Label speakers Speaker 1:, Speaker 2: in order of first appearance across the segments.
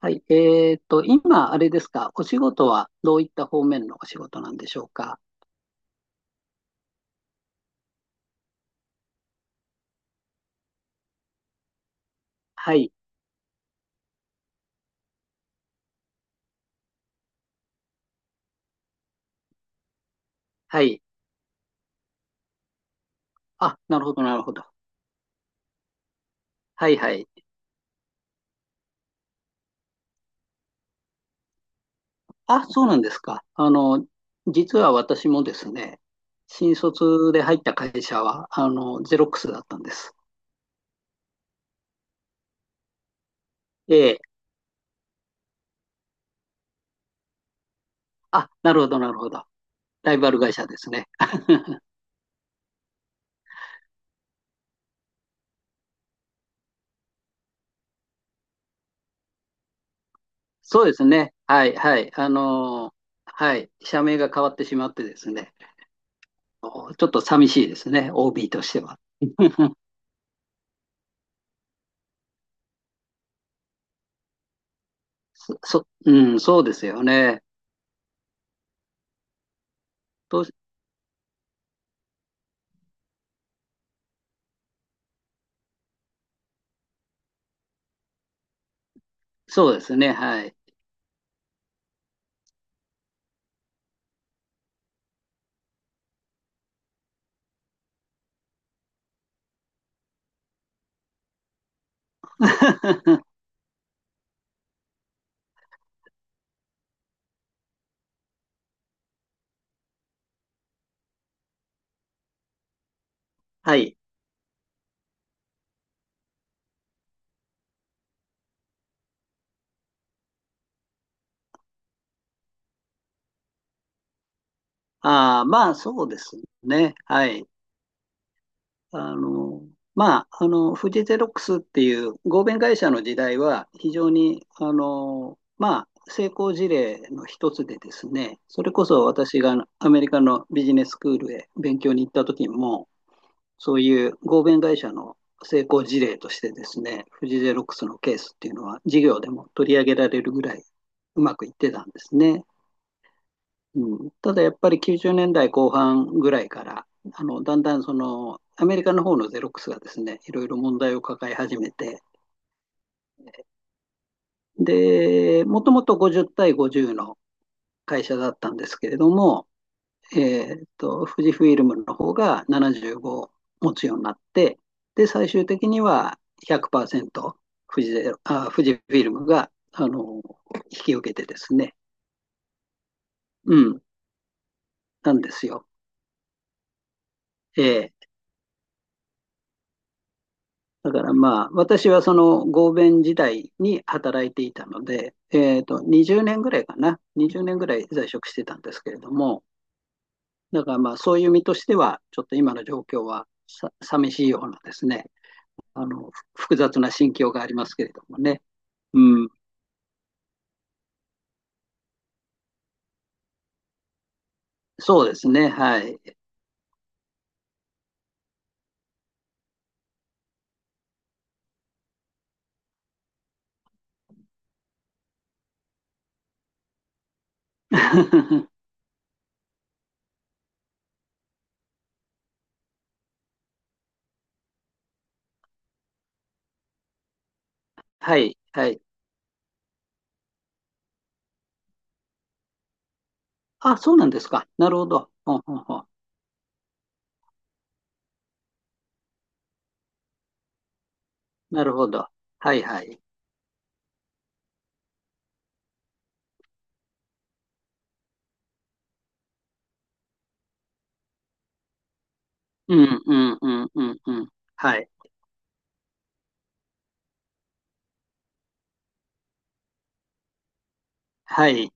Speaker 1: はい。今、あれですか、お仕事はどういった方面のお仕事なんでしょうか。はい。はい。あ、なるほど、なるほど。はい、はい。あ、そうなんですか。あの、実は私もですね、新卒で入った会社は、あの、ゼロックスだったんです。ええ。あ、なるほど、なるほど。ライバル会社ですね。そうですね。はい、はい。あの、はい。社名が変わってしまってですね、ちょっと寂しいですね、OB としては。うん、そうですよね。と、そうですね、はい。はい。ああ、まあ、そうですね。はい。あの、まあ、あの、フジゼロックスっていう合弁会社の時代は、非常に、あの、まあ、成功事例の一つでですね、それこそ私がアメリカのビジネススクールへ勉強に行った時も、そういう合弁会社の成功事例としてですね、富士ゼロックスのケースっていうのは事業でも取り上げられるぐらいうまくいってたんですね。うん、ただやっぱり90年代後半ぐらいから、あのだんだんそのアメリカの方のゼロックスがですね、いろいろ問題を抱え始めて、でもともと50対50の会社だったんですけれども、富士フイルムの方が75持つようになって、で、最終的には100%富士ゼロ、あ、富士フィルムが、あの、引き受けてですね。うん、なんですよ。ええ、だからまあ、私はその合弁時代に働いていたので、20年ぐらいかな、20年ぐらい在職してたんですけれども、だからまあ、そういう身としては、ちょっと今の状況はさ寂しいようなですね、あの、複雑な心境がありますけれどもね。うん、そうですね。はい。はい、はい。あ、そうなんですか。なるほど。ほんほんほん。なるほど。はい、はい。うん、うん、うん、うん、うん。はい、はい。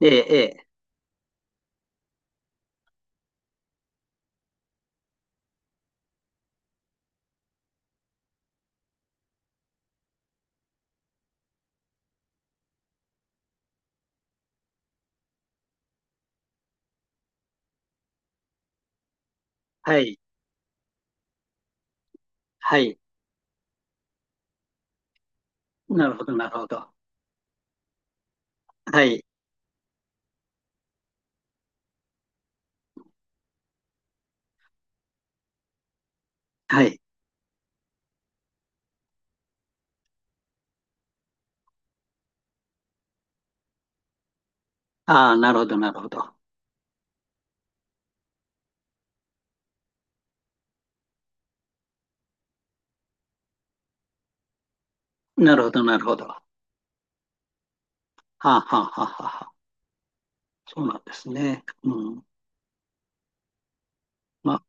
Speaker 1: ええ、ええ。はい、はい。なるほど、なるほど。はい、はい。ああ、なるほど、なるほど。なるほど、なるほど。はあ、はあ、はあ、はあ。そうなんですね。うん。まあ、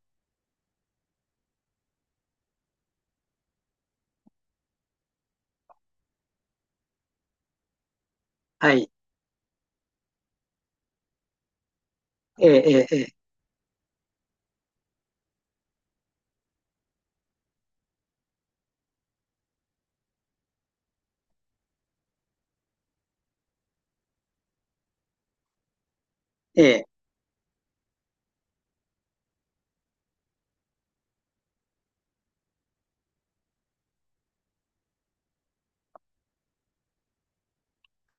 Speaker 1: はい。ええ、ええ、ええ。ええ、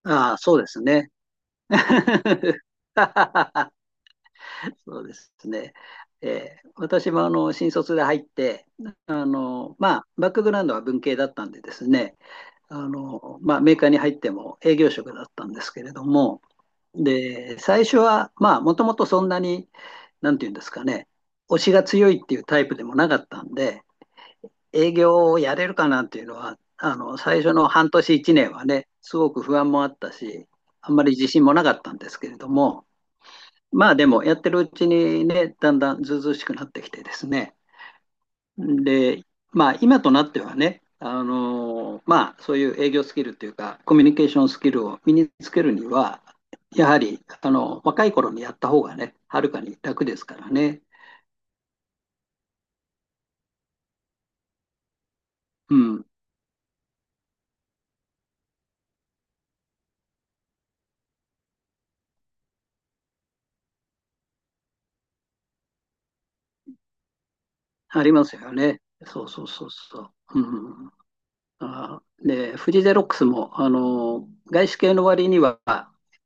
Speaker 1: ああ、そうですね。そうですね。私もあの新卒で入って、あのまあ、バックグラウンドは文系だったんでですね、あのまあ、メーカーに入っても営業職だったんですけれども、で最初は、まあ、もともとそんなに、なんていうんですかね、推しが強いっていうタイプでもなかったんで、営業をやれるかなっていうのは、あの最初の半年、1年はね、すごく不安もあったし、あんまり自信もなかったんですけれども、まあでもやってるうちにね、だんだんずうずうしくなってきてですね。で、まあ今となってはね、あのまあそういう営業スキルというか、コミュニケーションスキルを身につけるには、やはりあの若い頃にやった方がね、はるかに楽ですからね。うん、ありますよね。そう。うん、あー、で、フジゼロックスも、あの、外資系の割には、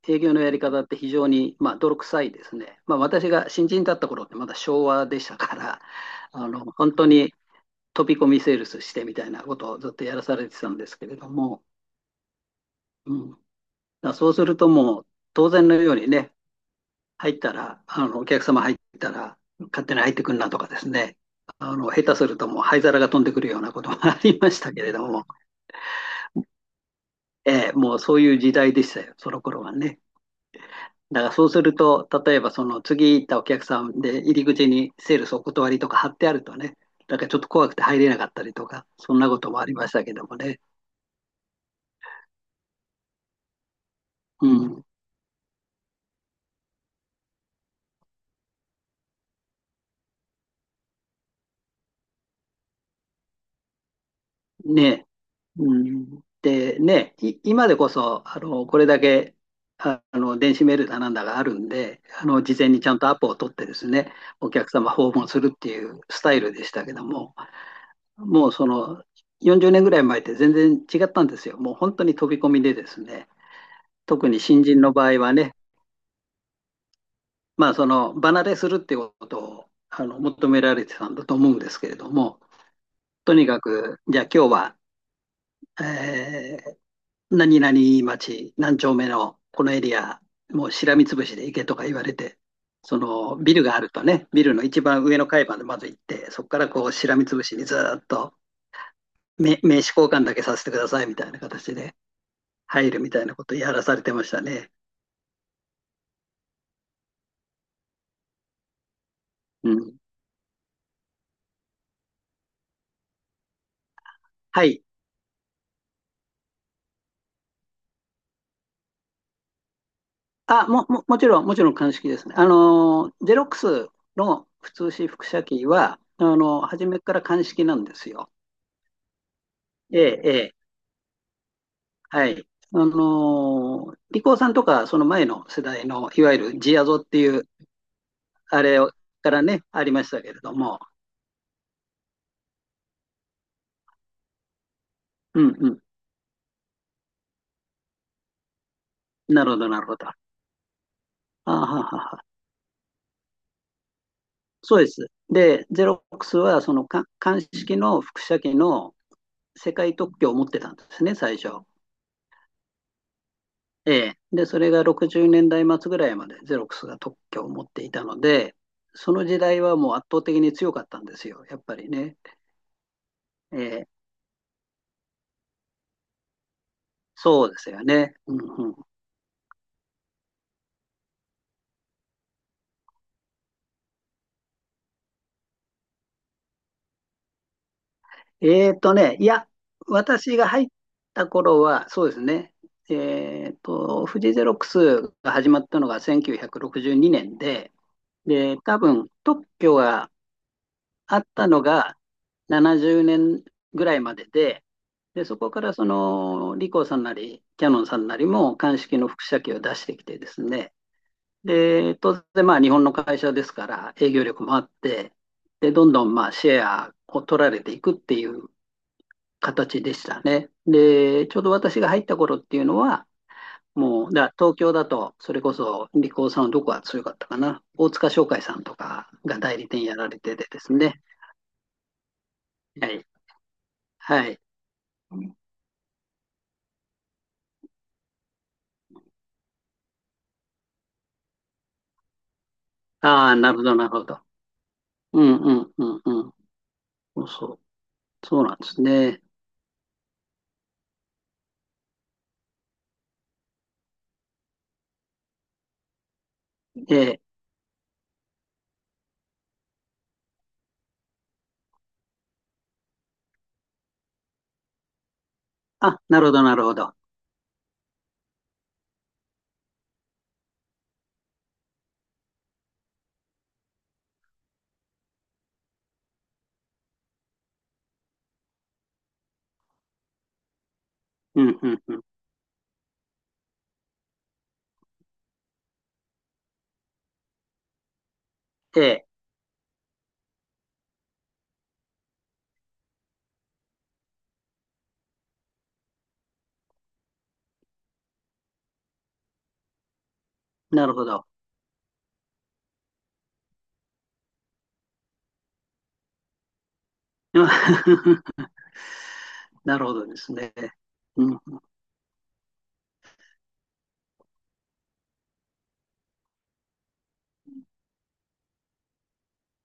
Speaker 1: 営業のやり方って非常に、まあ、泥臭いですね。まあ、私が新人だった頃ってまだ昭和でしたから、あの、本当に飛び込みセールスしてみたいなことをずっとやらされてたんですけれども、うん。だからそうするともう、当然のようにね、入ったら、あの、お客様入ったら、勝手に入ってくんなとかですね、あの、下手するともう灰皿が飛んでくるようなこともありましたけれども、ええ、もうそういう時代でしたよ、その頃はね。だからそうすると、例えばその次行ったお客さんで入り口にセールスお断りとか貼ってあるとね、だからちょっと怖くて入れなかったりとか、そんなこともありましたけどもね。うん。ねえ。うん。で、ねえ、今でこそ、あの、これだけ、あの、電子メールだなんだがあるんで、あの、事前にちゃんとアポを取ってですね、お客様訪問するっていうスタイルでしたけども、もうその40年ぐらい前って全然違ったんですよ。もう本当に飛び込みでですね、特に新人の場合はね、まあその離れするっていうことをあの求められてたんだと思うんですけれども、とにかく、じゃあ今日は、えー何々町何丁目のこのエリア、もうしらみつぶしで行けとか言われて、そのビルがあるとね、ビルの一番上の階までまず行って、そこからこうしらみつぶしにずっと名刺交換だけさせてくださいみたいな形で入るみたいなことをやらされてましたね。うん。はい。あ、もちろん、もちろん鑑識ですね。あのー、ゼロックスの普通紙複写機は、あのー、初めから鑑識なんですよ。ええ、ええ、はい。あのー、リコーさんとか、その前の世代の、いわゆるジアゾっていう、あれをからね、ありましたけれども。うんうん。なるほど、なるほど。あははは。そうです。で、ゼロックスは、そのか鑑識の複写機の世界特許を持ってたんですね、最初。ええ、で、それが60年代末ぐらいまでゼロックスが特許を持っていたので、その時代はもう圧倒的に強かったんですよ、やっぱりね。ええ、そうですよね。うんうん、いや、私が入った頃は、そうですね、富士ゼロックスが始まったのが1962年で、で、多分特許があったのが70年ぐらいまでで、で、そこからそのリコーさんなり、キヤノンさんなりも鑑識の複写機を出してきてですね、で、当然まあ日本の会社ですから営業力もあって、で、どんどんまあシェアを取られていくっていう形でしたね。で、ちょうど私が入った頃っていうのは、もう、だから東京だと、それこそ、リコーさんはどこが強かったかな。大塚商会さんとかが代理店やられててですね。はい。はい。ああ、なるほど、なるほど。うん、うん、うん、うん。そうそう。そうなんですね。ええ。あ、なるほど、なるほど。うん、うん、うん。ええ、なるほど。なるほどですね。うん、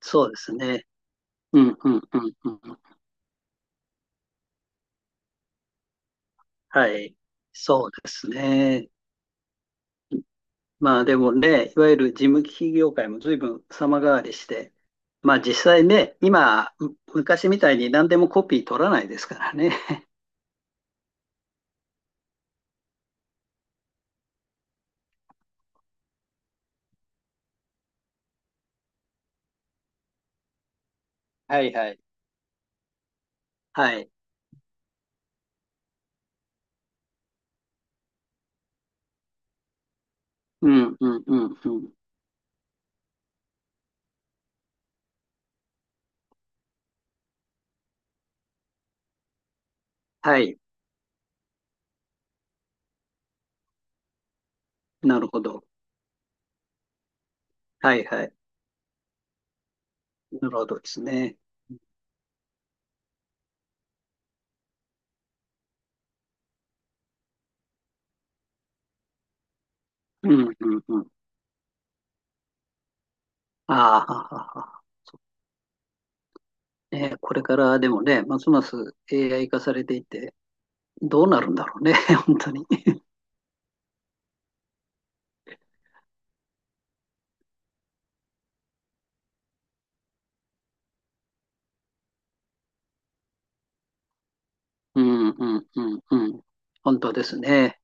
Speaker 1: そうですね。うん、うん、うん、うん。はい。そうですね。まあでもね、いわゆる事務機器業界も随分様変わりして、まあ実際ね、今、昔みたいに何でもコピー取らないですからね。はいはい。はい。うん、うん、うん、うん。はい。なるほど。はいはい。なるほどですね。うんうんうん。ああ、はははは。ね、これからでもね、ますます AI 化されていって、どうなるんだろうね、本当に。うんうんうんうん。本当ですね。